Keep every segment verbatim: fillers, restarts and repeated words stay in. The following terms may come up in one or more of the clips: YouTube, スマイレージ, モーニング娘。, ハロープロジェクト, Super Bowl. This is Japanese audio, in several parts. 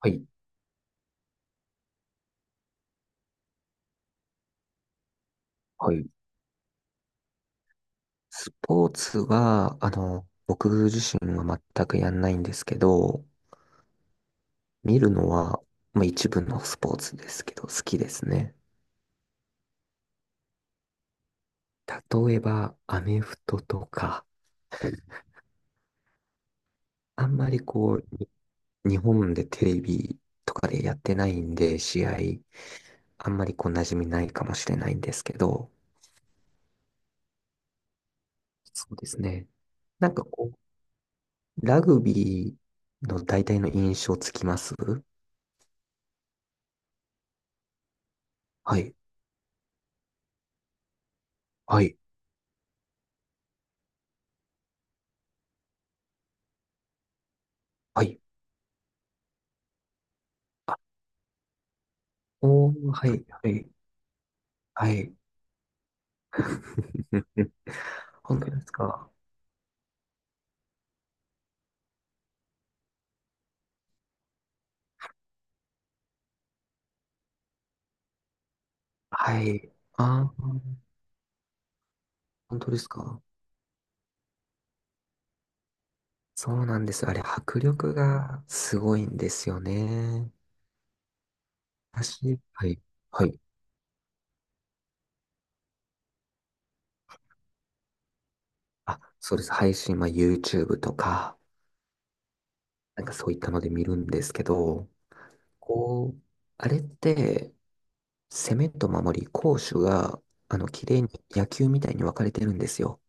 はい、はい。スポーツは、あの、僕自身は全くやんないんですけど、見るのは、まあ一部のスポーツですけど、好きですね。例えば、アメフトとか、あんまりこう、に日本でテレビとかでやってないんで、試合、あんまりこう、馴染みないかもしれないんですけど、そうですね。なんかこう、ラグビーの大体の印象つきます。はい、はい、はい。あ、おー、はい、はい。はい。本当ですか。はい。ああ、本当ですか。そうなんです。あれ、迫力がすごいんですよね。私、はい。はい。あ、そうです。配信は YouTube とか、なんかそういったので見るんですけど、こう、あれって、攻めと守り、攻守が、あの、綺麗に野球みたいに分かれてるんですよ。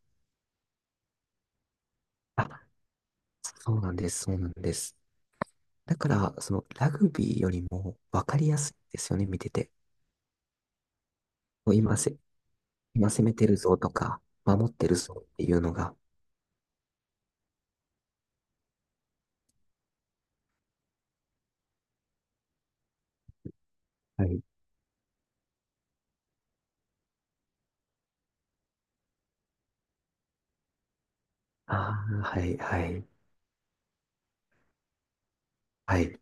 あ、そうなんです。そうなんです。だから、その、ラグビーよりも分かりやすいんですよね、見てて。もう今せ、今攻めてるぞとか、守ってるぞっていうのが、はい。ああ、はい、はい、はい。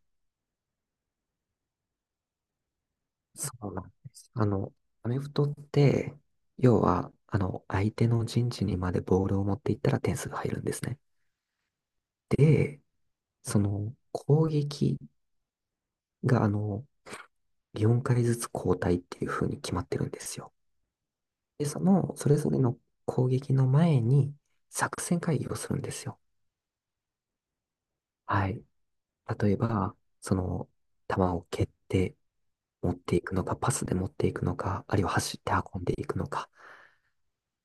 そうなんです。あの、アメフトって、要は、あの、相手の陣地にまでボールを持っていったら点数が入るんですね。で、その、攻撃が、あの、よんかいずつ交代っていう風に決まってるんですよ。で、その、それぞれの攻撃の前に、作戦会議をするんですよ。はい。例えば、その、球を蹴って持っていくのか、パスで持っていくのか、あるいは走って運んでいくのか。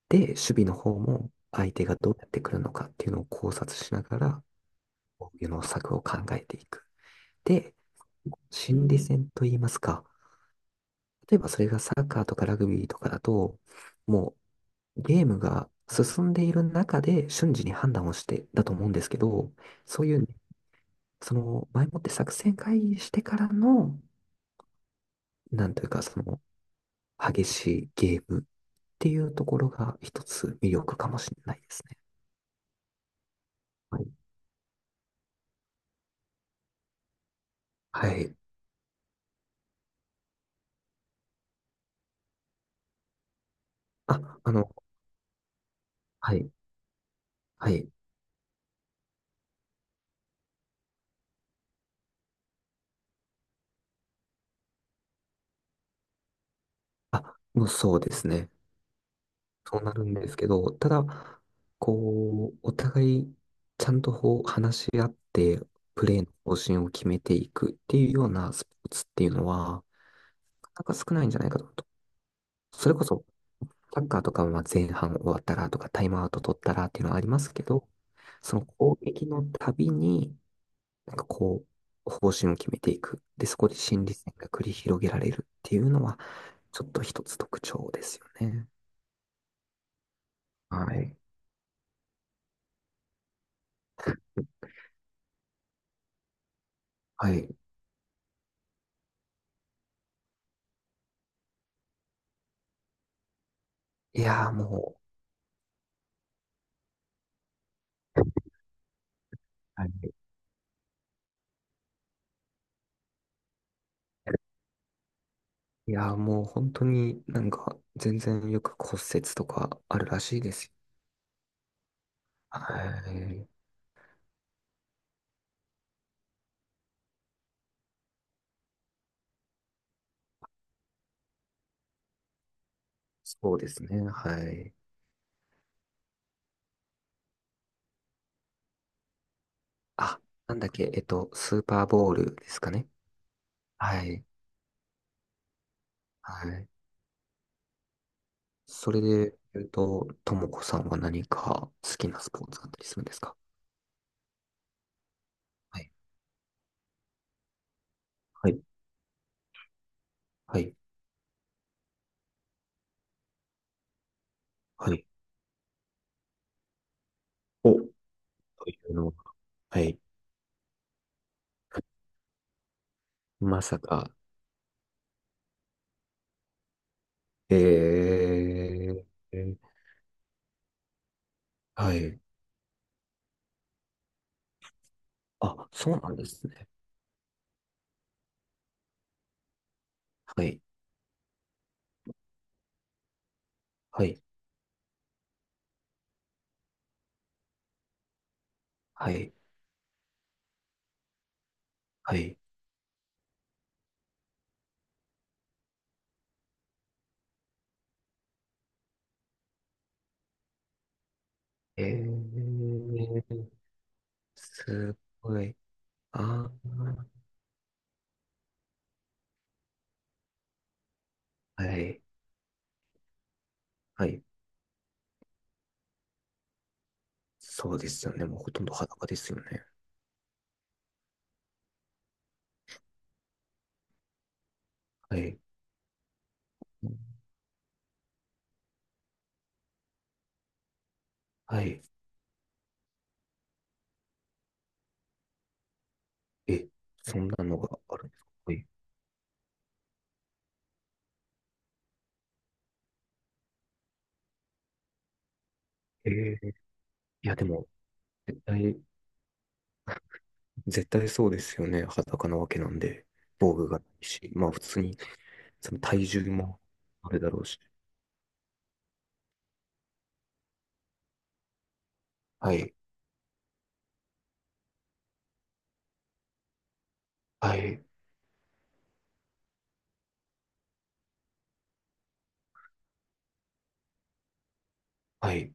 で、守備の方も相手がどうやってくるのかっていうのを考察しながら、防御の策を考えていく。で、心理戦といいますか、例えばそれがサッカーとかラグビーとかだと、もうゲームが進んでいる中で瞬時に判断をしてだと思うんですけど、そういうね、その前もって作戦会議してからの、なんというか、その、激しいゲームっていうところが一つ魅力かもしれないですね。はい。はい。あ、あの、はい。はい。あ、もうそうですね。そうなるんですけど、ただ、こう、お互いちゃんとこう話し合って、プレーの方針を決めていくっていうようなスポーツっていうのは、なかなか少ないんじゃないかと。それこそ、サッカーとかはまあ前半終わったらとか、タイムアウト取ったらっていうのはありますけど、その攻撃のたびに、なんかこう、方針を決めていく。で、そこで心理戦が繰り広げられるっていうのは、ちょっと一つ特徴ですよね。はい。はい。いやーもう、はい。いやーもう本当になんか全然よく骨折とかあるらしいですよ。はい。そうですね。はい。あ、なんだっけ、えっと、スーパーボールですかね。はい。はい。それで言うと、ともこさんは何か好きなスポーツあったりするんですか？はい。はいはい。はい。お、というのは、はい。まさか、えー、はい。あ、そうなんですね。はい。はい。はい。はい。えー、すごい。あー、はい。はい。そうですよね。もうほとんど裸ですよね。はい。はい。え、そんなのがあるんですか？はい。えー、いや、でも、絶対、絶対そうですよね。裸なわけなんで、防具がないし、まあ普通にその体重もあるだろうし。はい、はい、はい、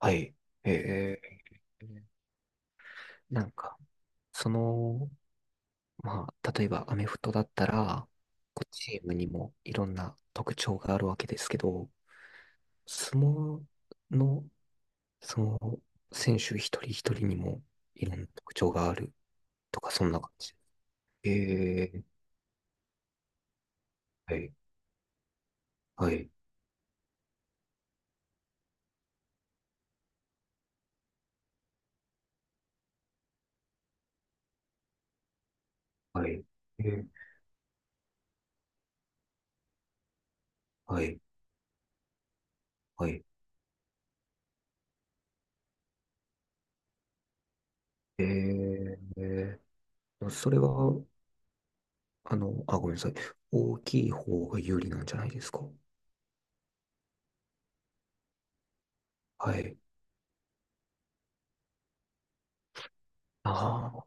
はい。えー、なんか、その、まあ、例えばアメフトだったら、こうチームにもいろんな特徴があるわけですけど、相撲の、その、選手一人一人にもいろんな特徴があるとか、そんな感じ。えー、はい、はい、はい、えーはい。はい。えー、え、それは、あの、あ、ごめんなさい。大きい方が有利なんじゃないですか？はい。ああ、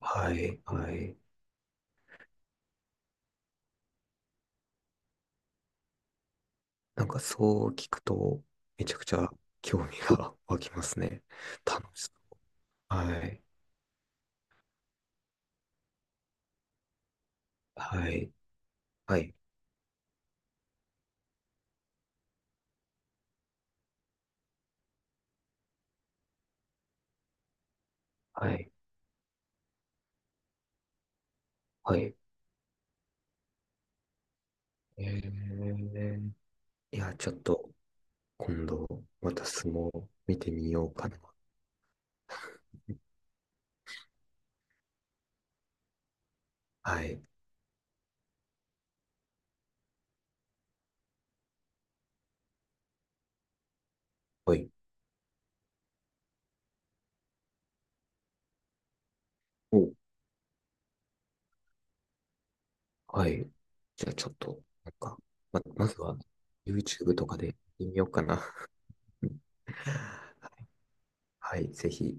はい、はい。なんかそう聞くと、めちゃくちゃ興味が 湧きますね。楽しそう。はい、はい、はい、はい、はい。えー、いや、ちょっと、今度、また相撲見てみようかな。はい、はい。お、はい。じゃあちょっと、なんか、ま、まずは YouTube とかで見てみようかな。はい、ぜひ。